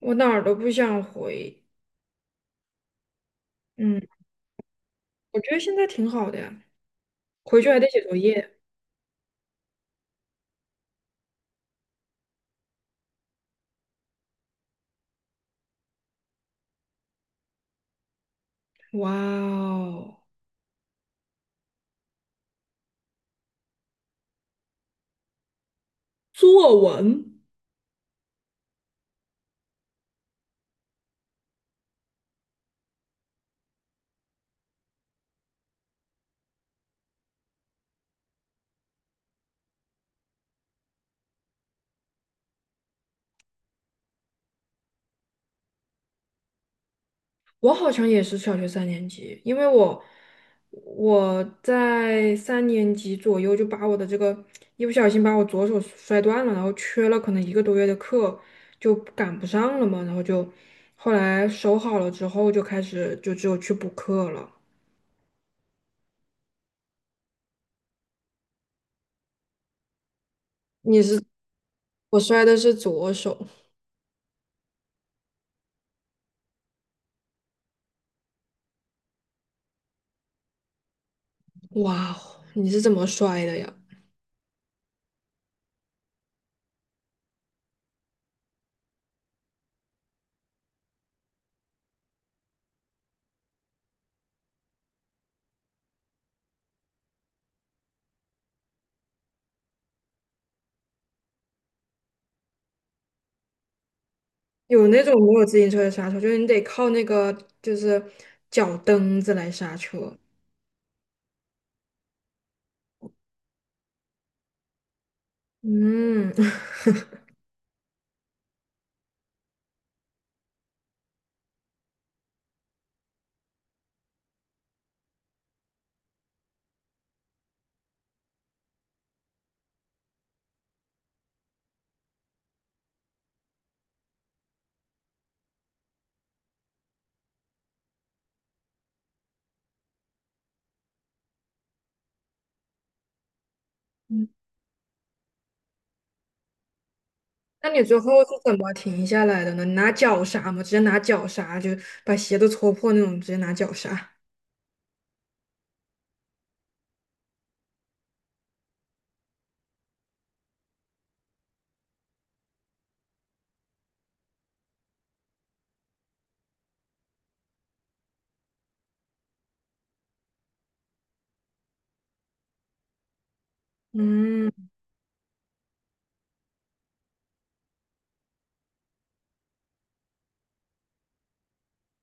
我哪儿都不想回。嗯，我觉得现在挺好的呀，回去还得写作业。哇哦，作文，我好像也是小学三年级，因为我在三年级左右就把我的这个一不小心把我左手摔断了，然后缺了可能一个多月的课，就赶不上了嘛，然后就后来手好了之后就开始就只有去补课了。你是，我摔的是左手，哇哦，你是怎么摔的呀？有那种没有自行车的刹车，就是你得靠那个就是脚蹬子来刹车。嗯，那你最后是怎么停下来的呢？你拿脚刹吗？直接拿脚刹，就把鞋都戳破那种，直接拿脚刹。嗯，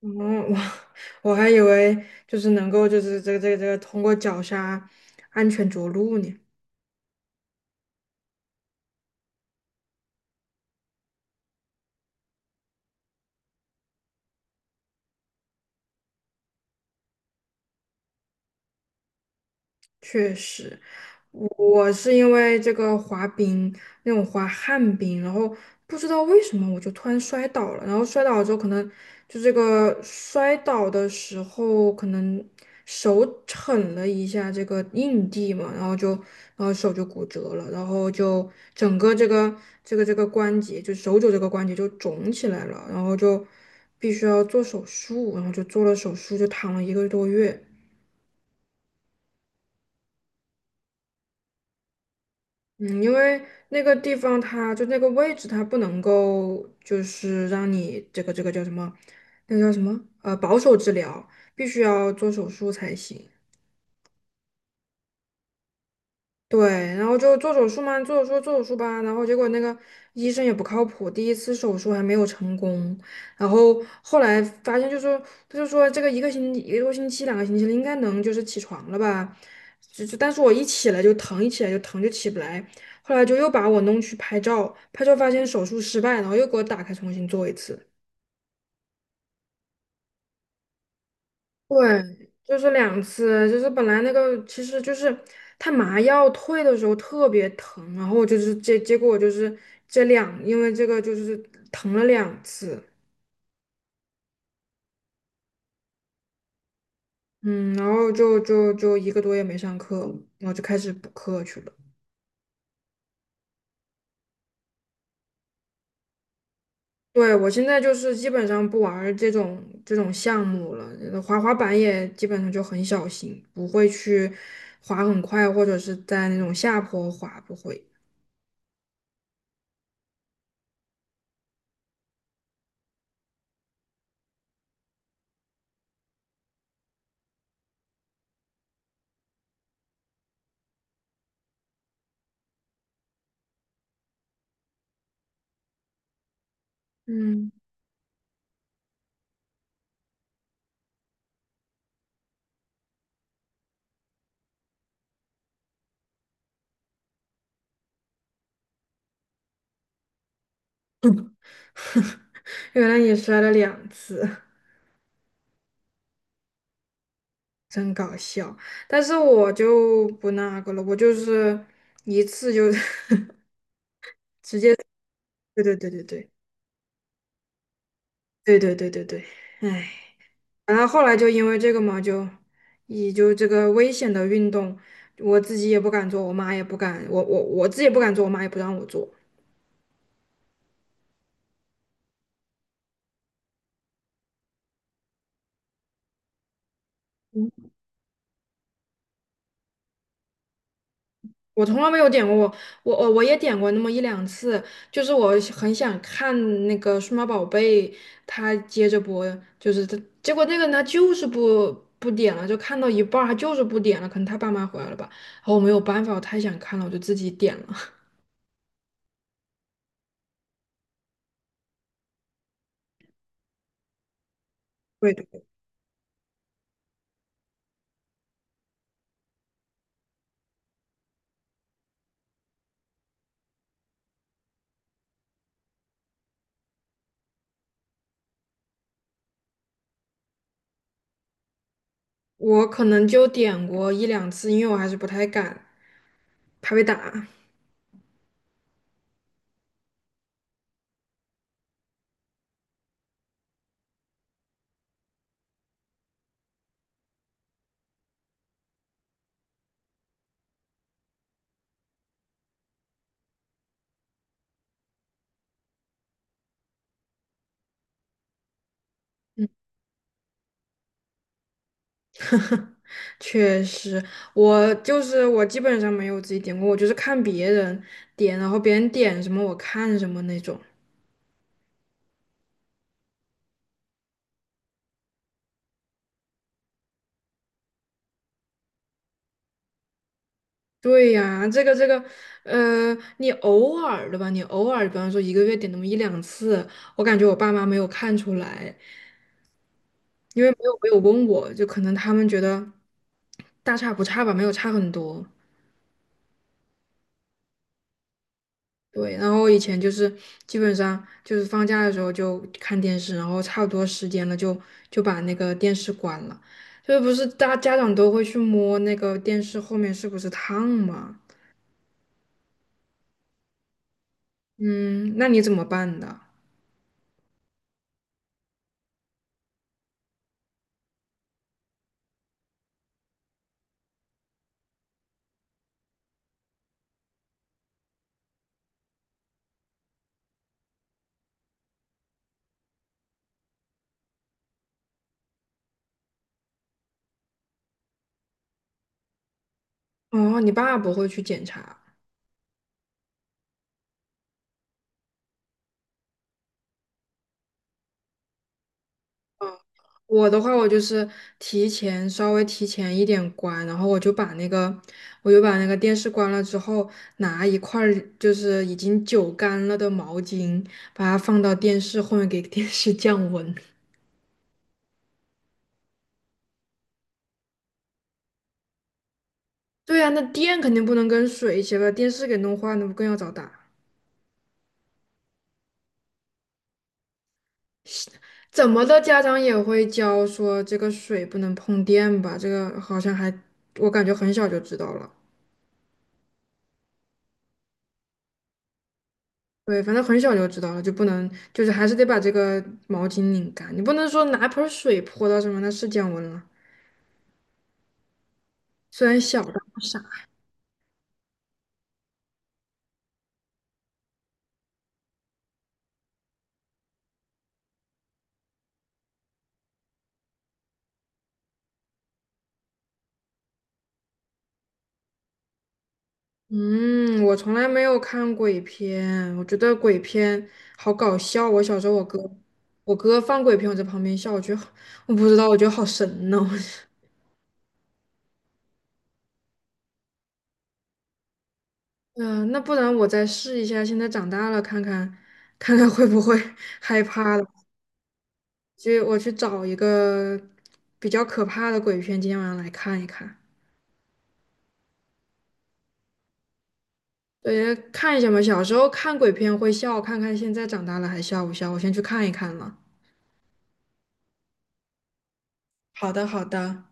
哦，哇，我还以为就是能够就是这个通过脚刹安全着陆呢。确实，我是因为这个滑冰那种滑旱冰，然后不知道为什么我就突然摔倒了，然后摔倒了之后可能就这个摔倒的时候可能手蹭了一下这个硬地嘛，然后就然后手就骨折了，然后就整个这个关节就手肘这个关节就肿起来了，然后就必须要做手术，然后就做了手术就躺了一个多月。嗯，因为那个地方它就那个位置，它不能够就是让你这个这个叫什么，那个叫什么保守治疗，必须要做手术才行。对，然后就做手术嘛，做手术吧，然后结果那个医生也不靠谱，第一次手术还没有成功，然后后来发现就说他就说这个一个星期一个多星期两个星期了，应该能就是起床了吧，但是我一起来就疼，一起来就疼就起不来，后来就又把我弄去拍照，拍照发现手术失败，然后又给我打开重新做一次。对，就是两次，就是本来那个其实就是他麻药退的时候特别疼，然后就是结果就是这两，因为这个就是疼了两次，嗯，然后就一个多月没上课了，然后就开始补课去了。对，我现在就是基本上不玩儿这种项目了，滑滑板也基本上就很小心，不会去滑很快，或者是在那种下坡滑，不会。嗯。原来你摔了两次，真搞笑。但是我就不那个了，我就是一次就 直接，对对对对对对对对对对，哎，然后后来就因为这个嘛，就也就这个危险的运动，我自己也不敢做，我妈也不敢，我自己也不敢做，我妈也不让我做。我从来没有点过，我我也点过那么一两次，就是我很想看那个数码宝贝，它接着播，就是它，结果那个人他就是不点了，就看到一半儿他就是不点了，可能他爸妈回来了吧，然后我没有办法，我太想看了，我就自己点了，对对，我可能就点过一两次，因为我还是不太敢，怕被打。确实，我就是我基本上没有自己点过，我就是看别人点，然后别人点什么我看什么那种。对呀，这个，呃，你偶尔的吧，你偶尔，比方说一个月点那么一两次，我感觉我爸妈没有看出来，因为没有问我，就可能他们觉得大差不差吧，没有差很多。对，然后以前就是基本上就是放假的时候就看电视，然后差不多时间了就把那个电视关了。就是不是大家长都会去摸那个电视后面是不是烫吗？嗯，那你怎么办的？哦，你爸不会去检查。我的话，我就是提前稍微提前一点关，然后我就把那个电视关了之后，拿一块儿就是已经久干了的毛巾，把它放到电视后面给电视降温。对呀，那电肯定不能跟水一起把电视给弄坏，那不更要找打？怎么的，家长也会教说这个水不能碰电吧？这个好像还，我感觉很小就知道了。对，反正很小就知道了，就不能，就是还是得把这个毛巾拧干，你不能说拿盆儿水泼到上面，那是降温了。虽然小，但不傻。嗯，我从来没有看鬼片，我觉得鬼片好搞笑。我小时候，我哥，我哥放鬼片，我在旁边笑，我觉得好我不知道，我觉得好神呢、嗯、那不然我再试一下，现在长大了，看看会不会 害怕了。去，我去找一个比较可怕的鬼片，今天晚上来看一看。对，看一下嘛，小时候看鬼片会笑，看看现在长大了还笑不笑？我先去看一看了。好的，好的。